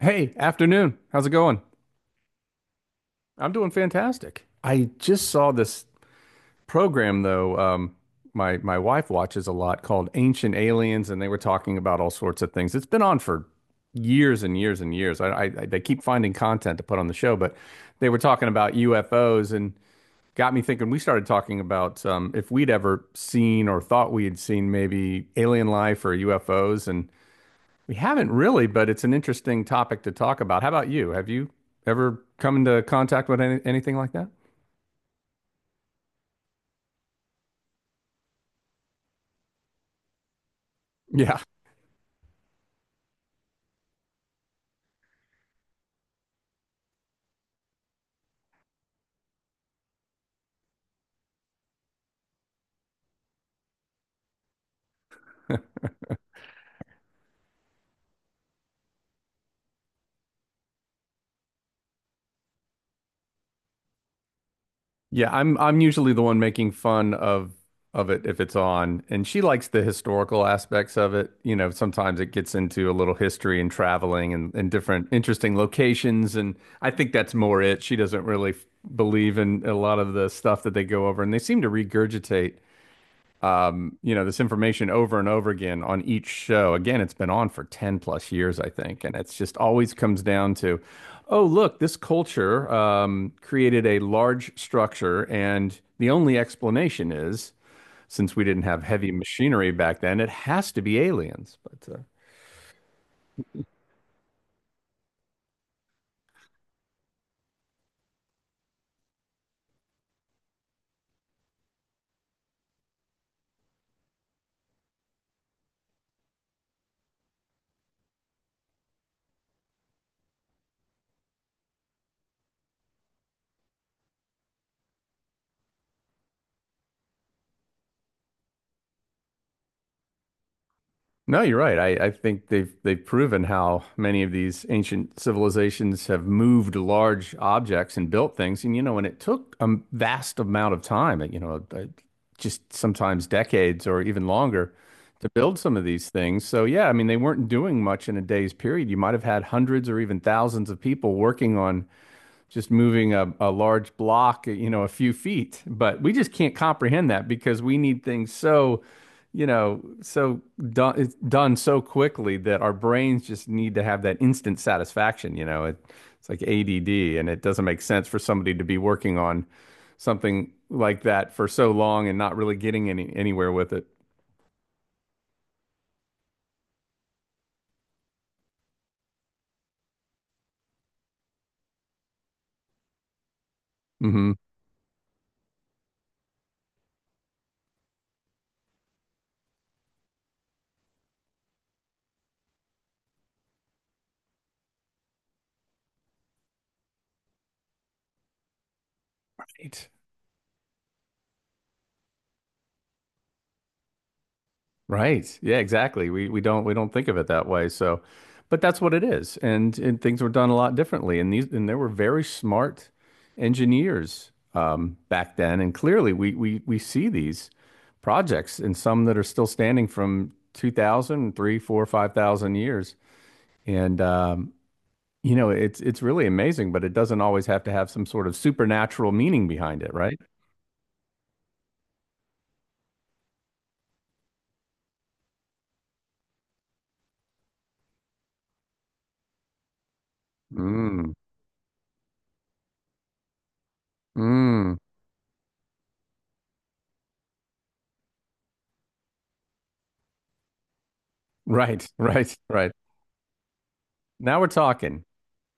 Hey, afternoon. How's it going? I'm doing fantastic. I just saw this program though, my wife watches a lot called Ancient Aliens, and they were talking about all sorts of things. It's been on for years and years and years. I they keep finding content to put on the show, but they were talking about UFOs and got me thinking. We started talking about if we'd ever seen or thought we had seen maybe alien life or UFOs, and we haven't really, but it's an interesting topic to talk about. How about you? Have you ever come into contact with anything like that? Yeah. Yeah, I'm usually the one making fun of it if it's on. And she likes the historical aspects of it. You know, sometimes it gets into a little history and traveling and different interesting locations. And I think that's more it. She doesn't really believe in a lot of the stuff that they go over, and they seem to regurgitate you know, this information over and over again on each show. Again, it's been on for 10 plus years, I think. And it's just always comes down to, oh, look, this culture created a large structure. And the only explanation is, since we didn't have heavy machinery back then, it has to be aliens. But No, you're right. I think they've proven how many of these ancient civilizations have moved large objects and built things. And you know, and it took a vast amount of time, just sometimes decades or even longer to build some of these things. So yeah, I mean, they weren't doing much in a day's period. You might have had hundreds or even thousands of people working on just moving a large block, you know, a few feet. But we just can't comprehend that because we need things so, you know, so done, it's done so quickly that our brains just need to have that instant satisfaction. You know, it, it's like ADD, and it doesn't make sense for somebody to be working on something like that for so long and not really getting anywhere with it. Hmm. Right. Right. Yeah, exactly. We don't we don't think of it that way. So, but that's what it is. And things were done a lot differently. And these and there were very smart engineers back then. And clearly we see these projects and some that are still standing from 2,000, 3, 4, 5,000 years. And you know, it's really amazing, but it doesn't always have to have some sort of supernatural meaning behind it, right? Mm, mm. Right, right, right. Now we're talking.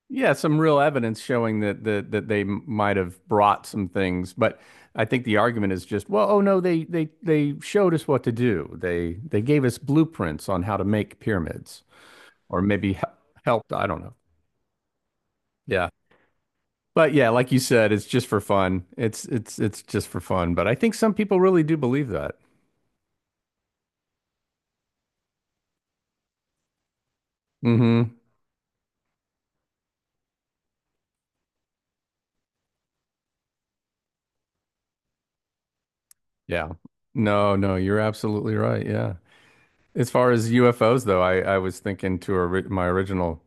Yeah, some real evidence showing that that they might have brought some things, but I think the argument is just, well, oh no, they they showed us what to do. They gave us blueprints on how to make pyramids, or maybe helped. I don't know. Yeah, but yeah, like you said, it's just for fun. It's it's just for fun. But I think some people really do believe that. Hmm. Yeah. No, no, you're absolutely right. Yeah. As far as UFOs, though, I was thinking to my original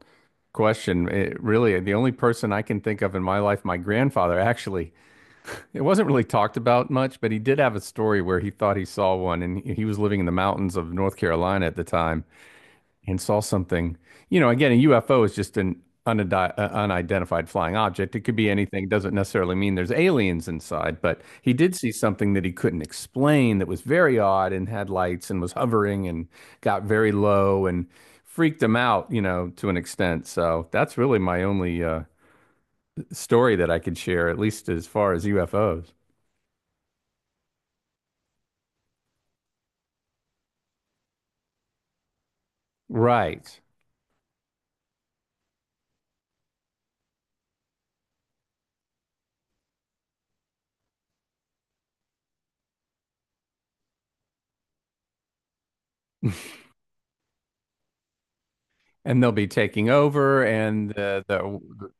question. It, really, the only person I can think of in my life, my grandfather, actually, it wasn't really talked about much, but he did have a story where he thought he saw one, and he was living in the mountains of North Carolina at the time, and saw something. You know, again, a UFO is just an unidentified flying object. It could be anything. Doesn't necessarily mean there's aliens inside, but he did see something that he couldn't explain that was very odd and had lights and was hovering and got very low and freaked him out, you know, to an extent. So that's really my only story that I could share, at least as far as UFOs. Right. And they'll be taking over, and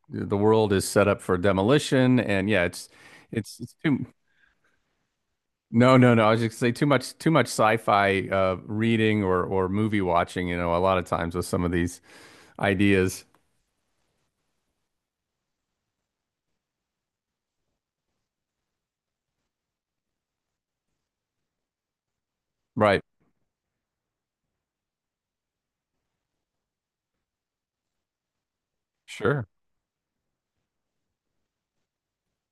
the world is set up for demolition. And yeah, it's it's too no no no. I was just gonna say too much sci-fi reading or movie watching. You know, a lot of times with some of these ideas. Right. Sure.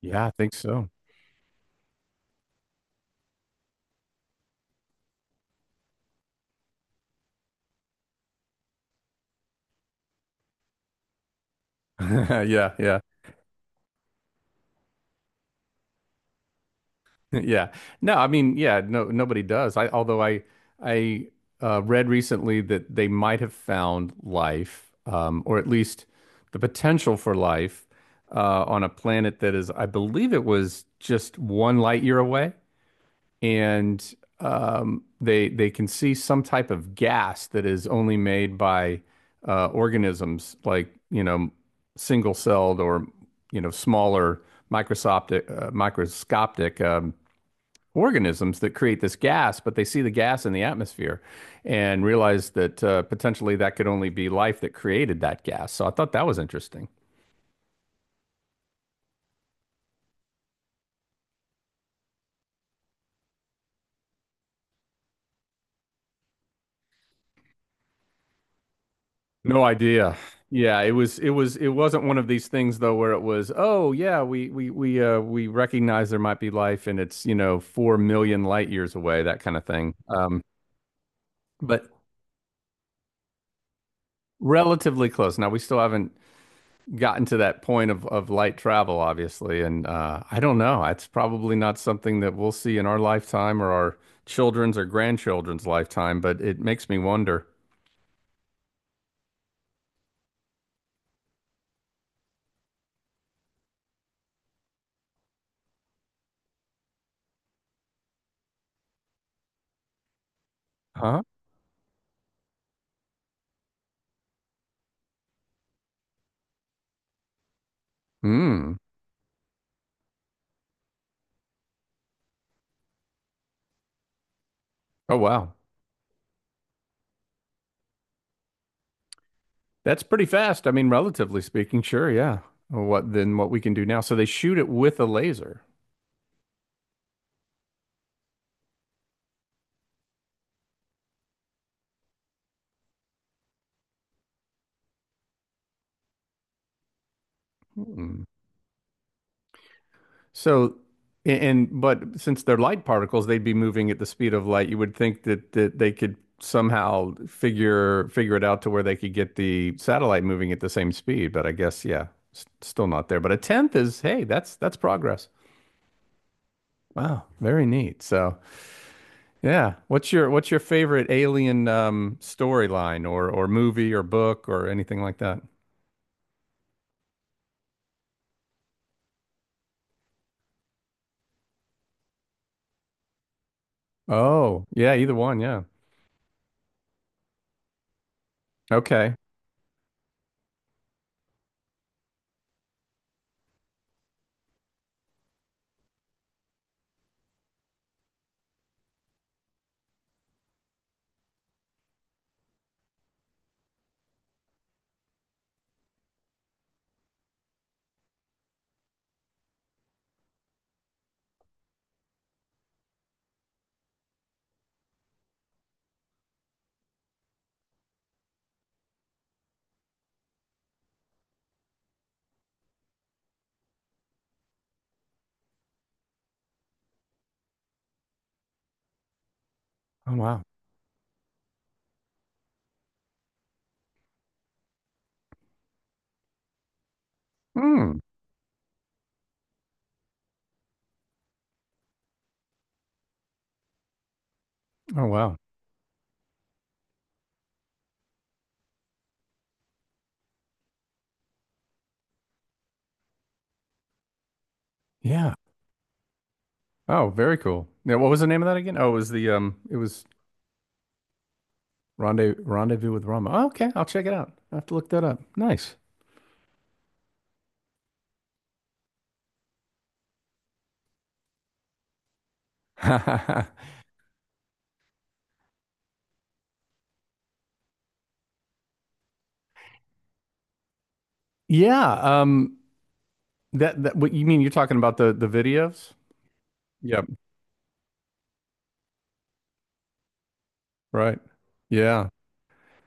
Yeah, I think so. Yeah, yeah. Yeah. No, I mean, yeah, no, nobody does. I read recently that they might have found life, or at least the potential for life, on a planet that is, I believe it was just one light year away, and they can see some type of gas that is only made by organisms like, you know, single-celled or, you know, smaller microscopic. Organisms that create this gas, but they see the gas in the atmosphere and realize that potentially that could only be life that created that gas. So I thought that was interesting. No idea. Yeah, it was it wasn't one of these things though where it was, oh yeah, we recognize there might be life and it's, you know, 4 million light years away, that kind of thing. But relatively close. Now we still haven't gotten to that point of light travel, obviously. And I don't know. It's probably not something that we'll see in our lifetime or our children's or grandchildren's lifetime, but it makes me wonder. Huh? Hmm. Oh, wow. That's pretty fast. I mean, relatively speaking, sure. Yeah. What then what we can do now. So they shoot it with a laser. Hmm. So, and but since they're light particles, they'd be moving at the speed of light. You would think that they could somehow figure it out to where they could get the satellite moving at the same speed. But I guess, yeah, s still not there. But a tenth is, hey, that's progress. Wow, very neat. So, yeah, what's your favorite alien storyline or movie or book or anything like that? Oh, yeah, either one. Yeah. Okay. Oh wow. Hmm. Oh wow. Yeah. Oh, very cool. Yeah, what was the name of that again? Oh, it was the it was rendez Rendezvous with Rama. Oh, okay, I'll check it out. I have to look that up. Nice. Yeah. Um. That that what you mean? You're talking about the videos? Yep. Right. Yeah.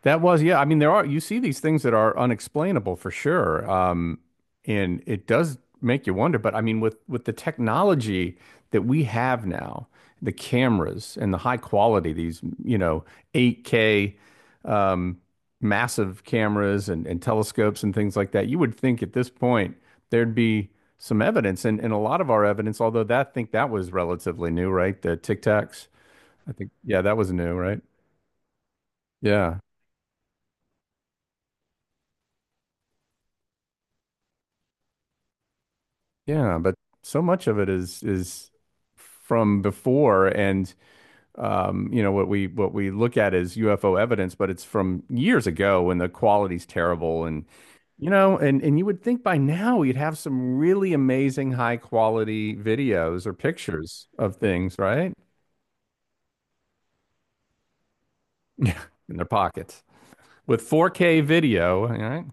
That was, yeah. I mean, there are, you see these things that are unexplainable for sure. And it does make you wonder, but I mean, with the technology that we have now, the cameras and the high quality, these, you know, 8K um, massive cameras and telescopes and things like that, you would think at this point there'd be some evidence and a lot of our evidence, although that I think that was relatively new, right? The Tic Tacs. I think, yeah, that was new, right? Yeah. Yeah, but so much of it is from before, and you know what we look at is UFO evidence, but it's from years ago when the quality's terrible, and you know, and you would think by now you'd have some really amazing high quality videos or pictures of things, right? Yeah, in their pockets with 4K video, right?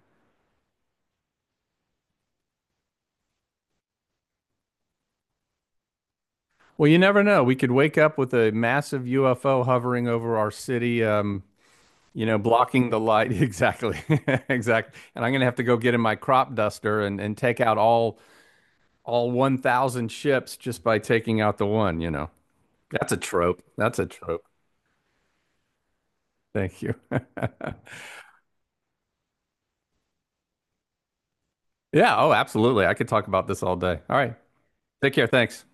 Well, you never know. We could wake up with a massive UFO hovering over our city, you know, blocking the light. Exactly. Exactly. And I'm going to have to go get in my crop duster and take out all 1,000 ships just by taking out the one, you know. That's a trope. That's a trope. Thank you. Yeah. Oh, absolutely. I could talk about this all day. All right. Take care. Thanks.